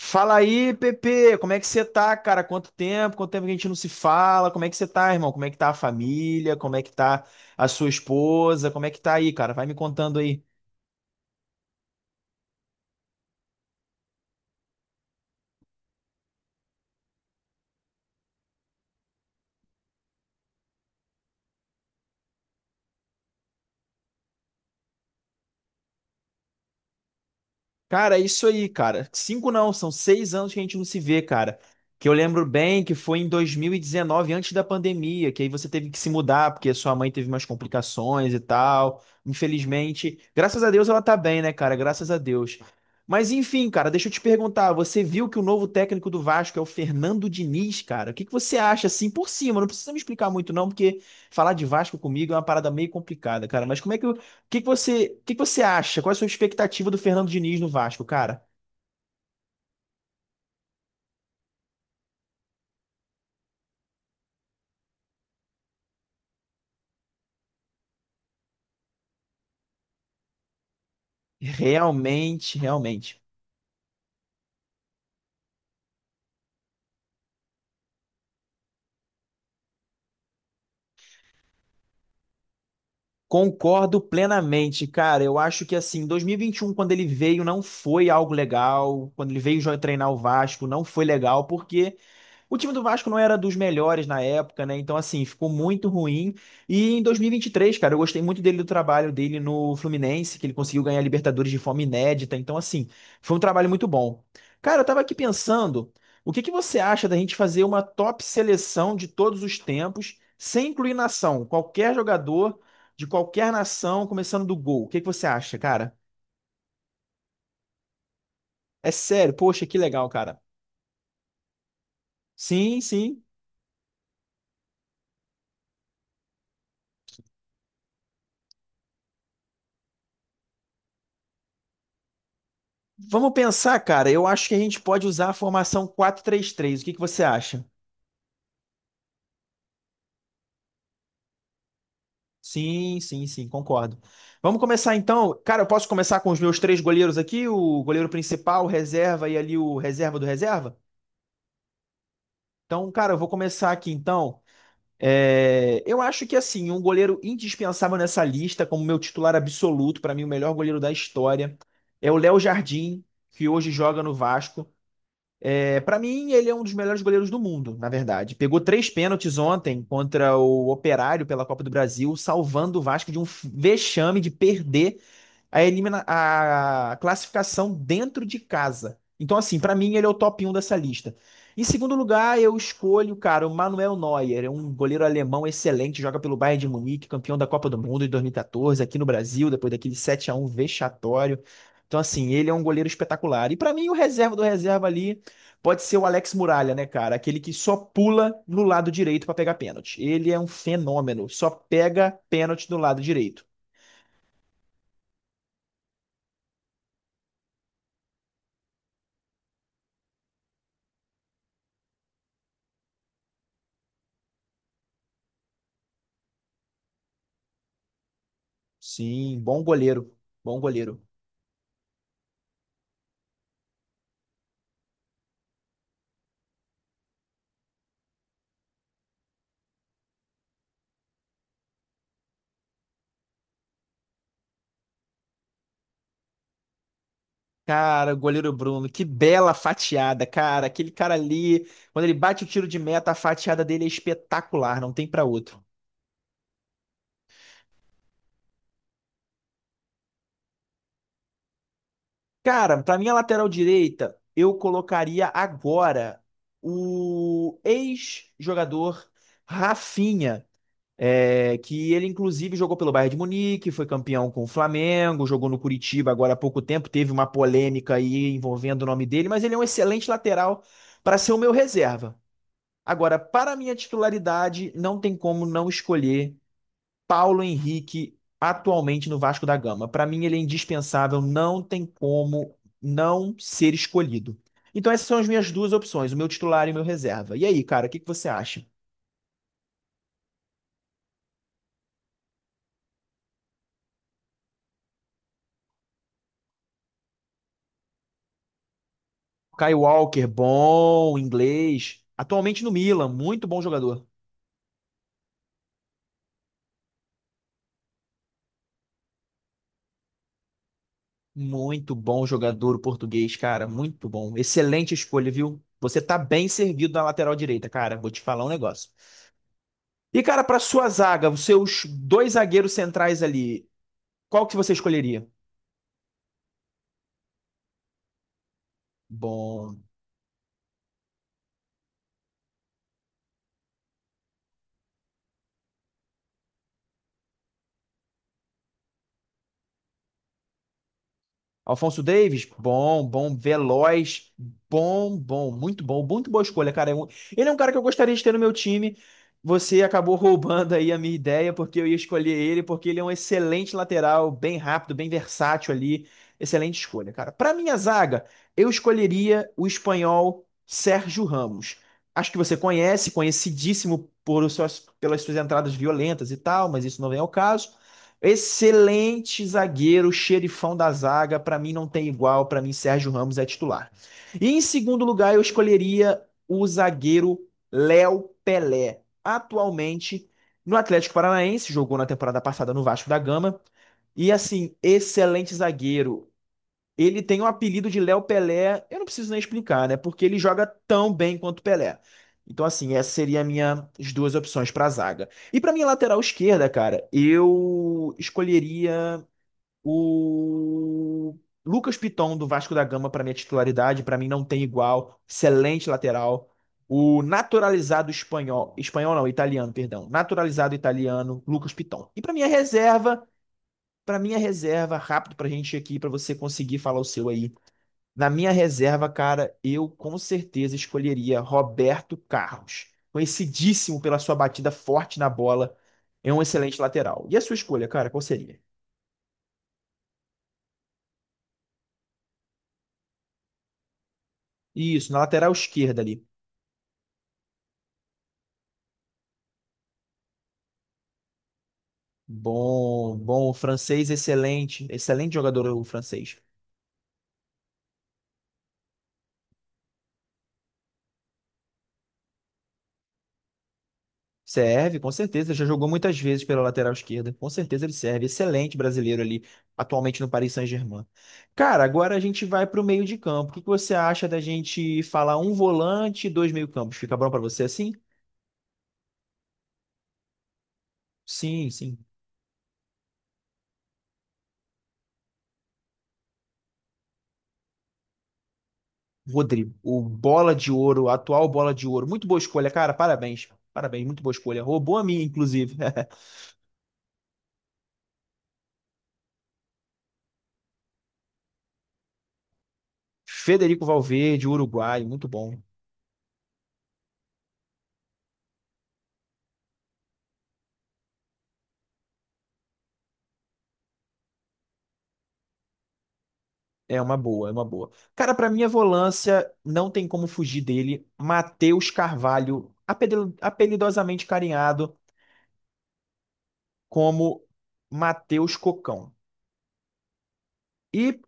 Fala aí, Pepe, como é que você tá, cara? Quanto tempo? Quanto tempo que a gente não se fala? Como é que você tá, irmão? Como é que tá a família? Como é que tá a sua esposa? Como é que tá aí, cara? Vai me contando aí. Cara, é isso aí, cara. Cinco não, são 6 anos que a gente não se vê, cara. Que eu lembro bem que foi em 2019, antes da pandemia, que aí você teve que se mudar porque sua mãe teve umas complicações e tal. Infelizmente, graças a Deus ela tá bem, né, cara? Graças a Deus. Mas enfim, cara, deixa eu te perguntar, você viu que o novo técnico do Vasco é o Fernando Diniz, cara? O que que você acha assim por cima? Não precisa me explicar muito não, porque falar de Vasco comigo é uma parada meio complicada, cara. Mas como é que que você, que você acha? Qual é a sua expectativa do Fernando Diniz no Vasco, cara? Realmente, realmente. Concordo plenamente, cara. Eu acho que assim, dois mil e vinte e um, quando ele veio, não foi algo legal. Quando ele veio já treinar o Vasco, não foi legal, porque o time do Vasco não era dos melhores na época, né? Então, assim, ficou muito ruim. E em 2023, cara, eu gostei muito dele do trabalho dele no Fluminense, que ele conseguiu ganhar a Libertadores de forma inédita. Então, assim, foi um trabalho muito bom. Cara, eu tava aqui pensando, o que que você acha da gente fazer uma top seleção de todos os tempos, sem incluir nação? Qualquer jogador de qualquer nação, começando do gol. O que que você acha, cara? É sério, poxa, que legal, cara. Sim, sim. Vamos pensar, cara. Eu acho que a gente pode usar a formação 4-3-3. O que que você acha? Sim, sim, sim, concordo. Vamos começar então. Cara, eu posso começar com os meus três goleiros aqui, o goleiro principal, o reserva e ali o reserva do reserva? Então, cara, eu vou começar aqui então. É, eu acho que assim, um goleiro indispensável nessa lista, como meu titular absoluto, para mim o melhor goleiro da história, é o Léo Jardim, que hoje joga no Vasco. É, para mim, ele é um dos melhores goleiros do mundo, na verdade. Pegou três pênaltis ontem contra o Operário pela Copa do Brasil, salvando o Vasco de um vexame de perder a, elimina a classificação dentro de casa. Então, assim, pra mim ele é o top 1 dessa lista. Em segundo lugar, eu escolho, cara, o Manuel Neuer, é um goleiro alemão excelente, joga pelo Bayern de Munique, campeão da Copa do Mundo em 2014, aqui no Brasil, depois daquele 7-1 vexatório. Então, assim, ele é um goleiro espetacular. E pra mim, o reserva do reserva ali pode ser o Alex Muralha, né, cara? Aquele que só pula no lado direito pra pegar pênalti. Ele é um fenômeno, só pega pênalti do lado direito. Sim, bom goleiro. Bom goleiro. Cara, o goleiro Bruno, que bela fatiada, cara. Aquele cara ali, quando ele bate o tiro de meta, a fatiada dele é espetacular, não tem pra outro. Cara, pra minha lateral direita, eu colocaria agora o ex-jogador Rafinha. É, que ele, inclusive, jogou pelo Bayern de Munique, foi campeão com o Flamengo, jogou no Curitiba agora há pouco tempo, teve uma polêmica aí envolvendo o nome dele, mas ele é um excelente lateral para ser o meu reserva. Agora, para a minha titularidade, não tem como não escolher Paulo Henrique atualmente no Vasco da Gama. Para mim, ele é indispensável, não tem como não ser escolhido. Então, essas são as minhas duas opções, o meu titular e o meu reserva. E aí, cara, o que que você acha? Kyle Walker, bom, inglês. Atualmente no Milan, muito bom jogador. Muito bom jogador o português, cara. Muito bom. Excelente escolha, viu? Você tá bem servido na lateral direita, cara. Vou te falar um negócio. E, cara, pra sua zaga, os seus dois zagueiros centrais ali, qual que você escolheria? Bom, Alfonso Davis, bom, bom, veloz, bom, bom, muito boa escolha, cara. É um- Ele é um cara que eu gostaria de ter no meu time. Você acabou roubando aí a minha ideia, porque eu ia escolher ele, porque ele é um excelente lateral, bem rápido, bem versátil ali. Excelente escolha, cara. Para minha zaga, eu escolheria o espanhol Sérgio Ramos. Acho que você conhece, conhecidíssimo por suas, pelas suas entradas violentas e tal, mas isso não vem ao caso. Excelente zagueiro, xerifão da zaga, para mim não tem igual, para mim Sérgio Ramos é titular. E em segundo lugar, eu escolheria o zagueiro Léo Pelé. Atualmente no Atlético Paranaense, jogou na temporada passada no Vasco da Gama. E assim, excelente zagueiro. Ele tem o apelido de Léo Pelé, eu não preciso nem explicar, né? Porque ele joga tão bem quanto Pelé. Então, assim, essa seria a minha as duas opções para zaga. E para minha lateral esquerda, cara, eu escolheria o Lucas Piton do Vasco da Gama para minha titularidade, para mim não tem igual, excelente lateral. O naturalizado espanhol, espanhol não, italiano, perdão, naturalizado italiano, Lucas Piton. E para minha reserva, rápido pra gente aqui, para você conseguir falar o seu aí. Na minha reserva, cara, eu com certeza escolheria Roberto Carlos, conhecidíssimo pela sua batida forte na bola, é um excelente lateral. E a sua escolha, cara, qual seria? Isso, na lateral esquerda ali. Bom, bom, o francês excelente, excelente jogador o francês. Serve, com certeza. Já jogou muitas vezes pela lateral esquerda. Com certeza ele serve. Excelente brasileiro ali, atualmente no Paris Saint-Germain. Cara, agora a gente vai para o meio de campo. O que que você acha da gente falar um volante e dois meio-campos? Fica bom para você assim? Sim, sim. Rodrigo, o bola de ouro, atual bola de ouro. Muito boa escolha, cara. Parabéns. Parabéns, muito boa escolha. Roubou a minha, inclusive. Federico Valverde, uruguaio, muito bom. É uma boa, é uma boa. Cara, pra mim a volância, não tem como fugir dele. Matheus Carvalho, apelidosamente carinhado como Matheus Cocão. E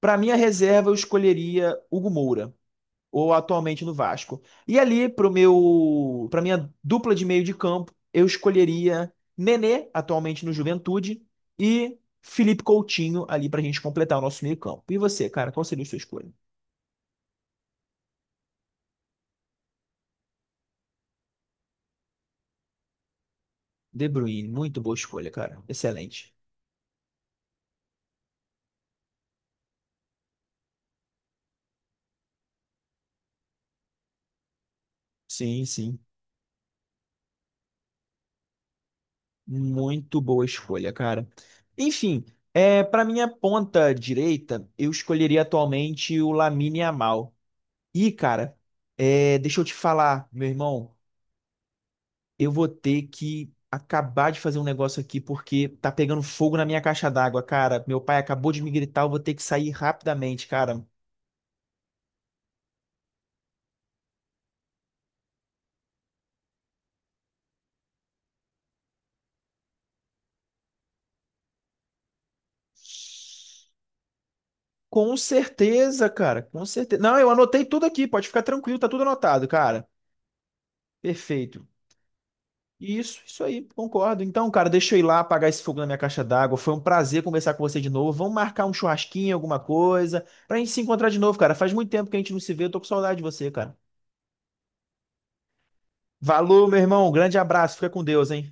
pra minha reserva, eu escolheria Hugo Moura, ou atualmente no Vasco. E ali, para minha dupla de meio de campo, eu escolheria Nenê, atualmente no Juventude, e Felipe Coutinho, ali pra gente completar o nosso meio campo. E você, cara, qual seria a sua escolha? De Bruyne, muito boa escolha, cara. Excelente. Sim, sim. Muito boa escolha, cara. Enfim, é, para minha ponta direita, eu escolheria atualmente o Lamine Yamal. E, cara, é, deixa eu te falar, meu irmão, eu vou ter que acabar de fazer um negócio aqui porque tá pegando fogo na minha caixa d'água, cara. Meu pai acabou de me gritar, eu vou ter que sair rapidamente, cara. Com certeza, cara, com certeza. Não, eu anotei tudo aqui, pode ficar tranquilo, tá tudo anotado, cara. Perfeito. Isso aí, concordo. Então, cara, deixa eu ir lá apagar esse fogo na minha caixa d'água. Foi um prazer conversar com você de novo. Vamos marcar um churrasquinho, alguma coisa, pra gente se encontrar de novo, cara. Faz muito tempo que a gente não se vê, eu tô com saudade de você, cara. Valeu, meu irmão. Grande abraço. Fica com Deus, hein?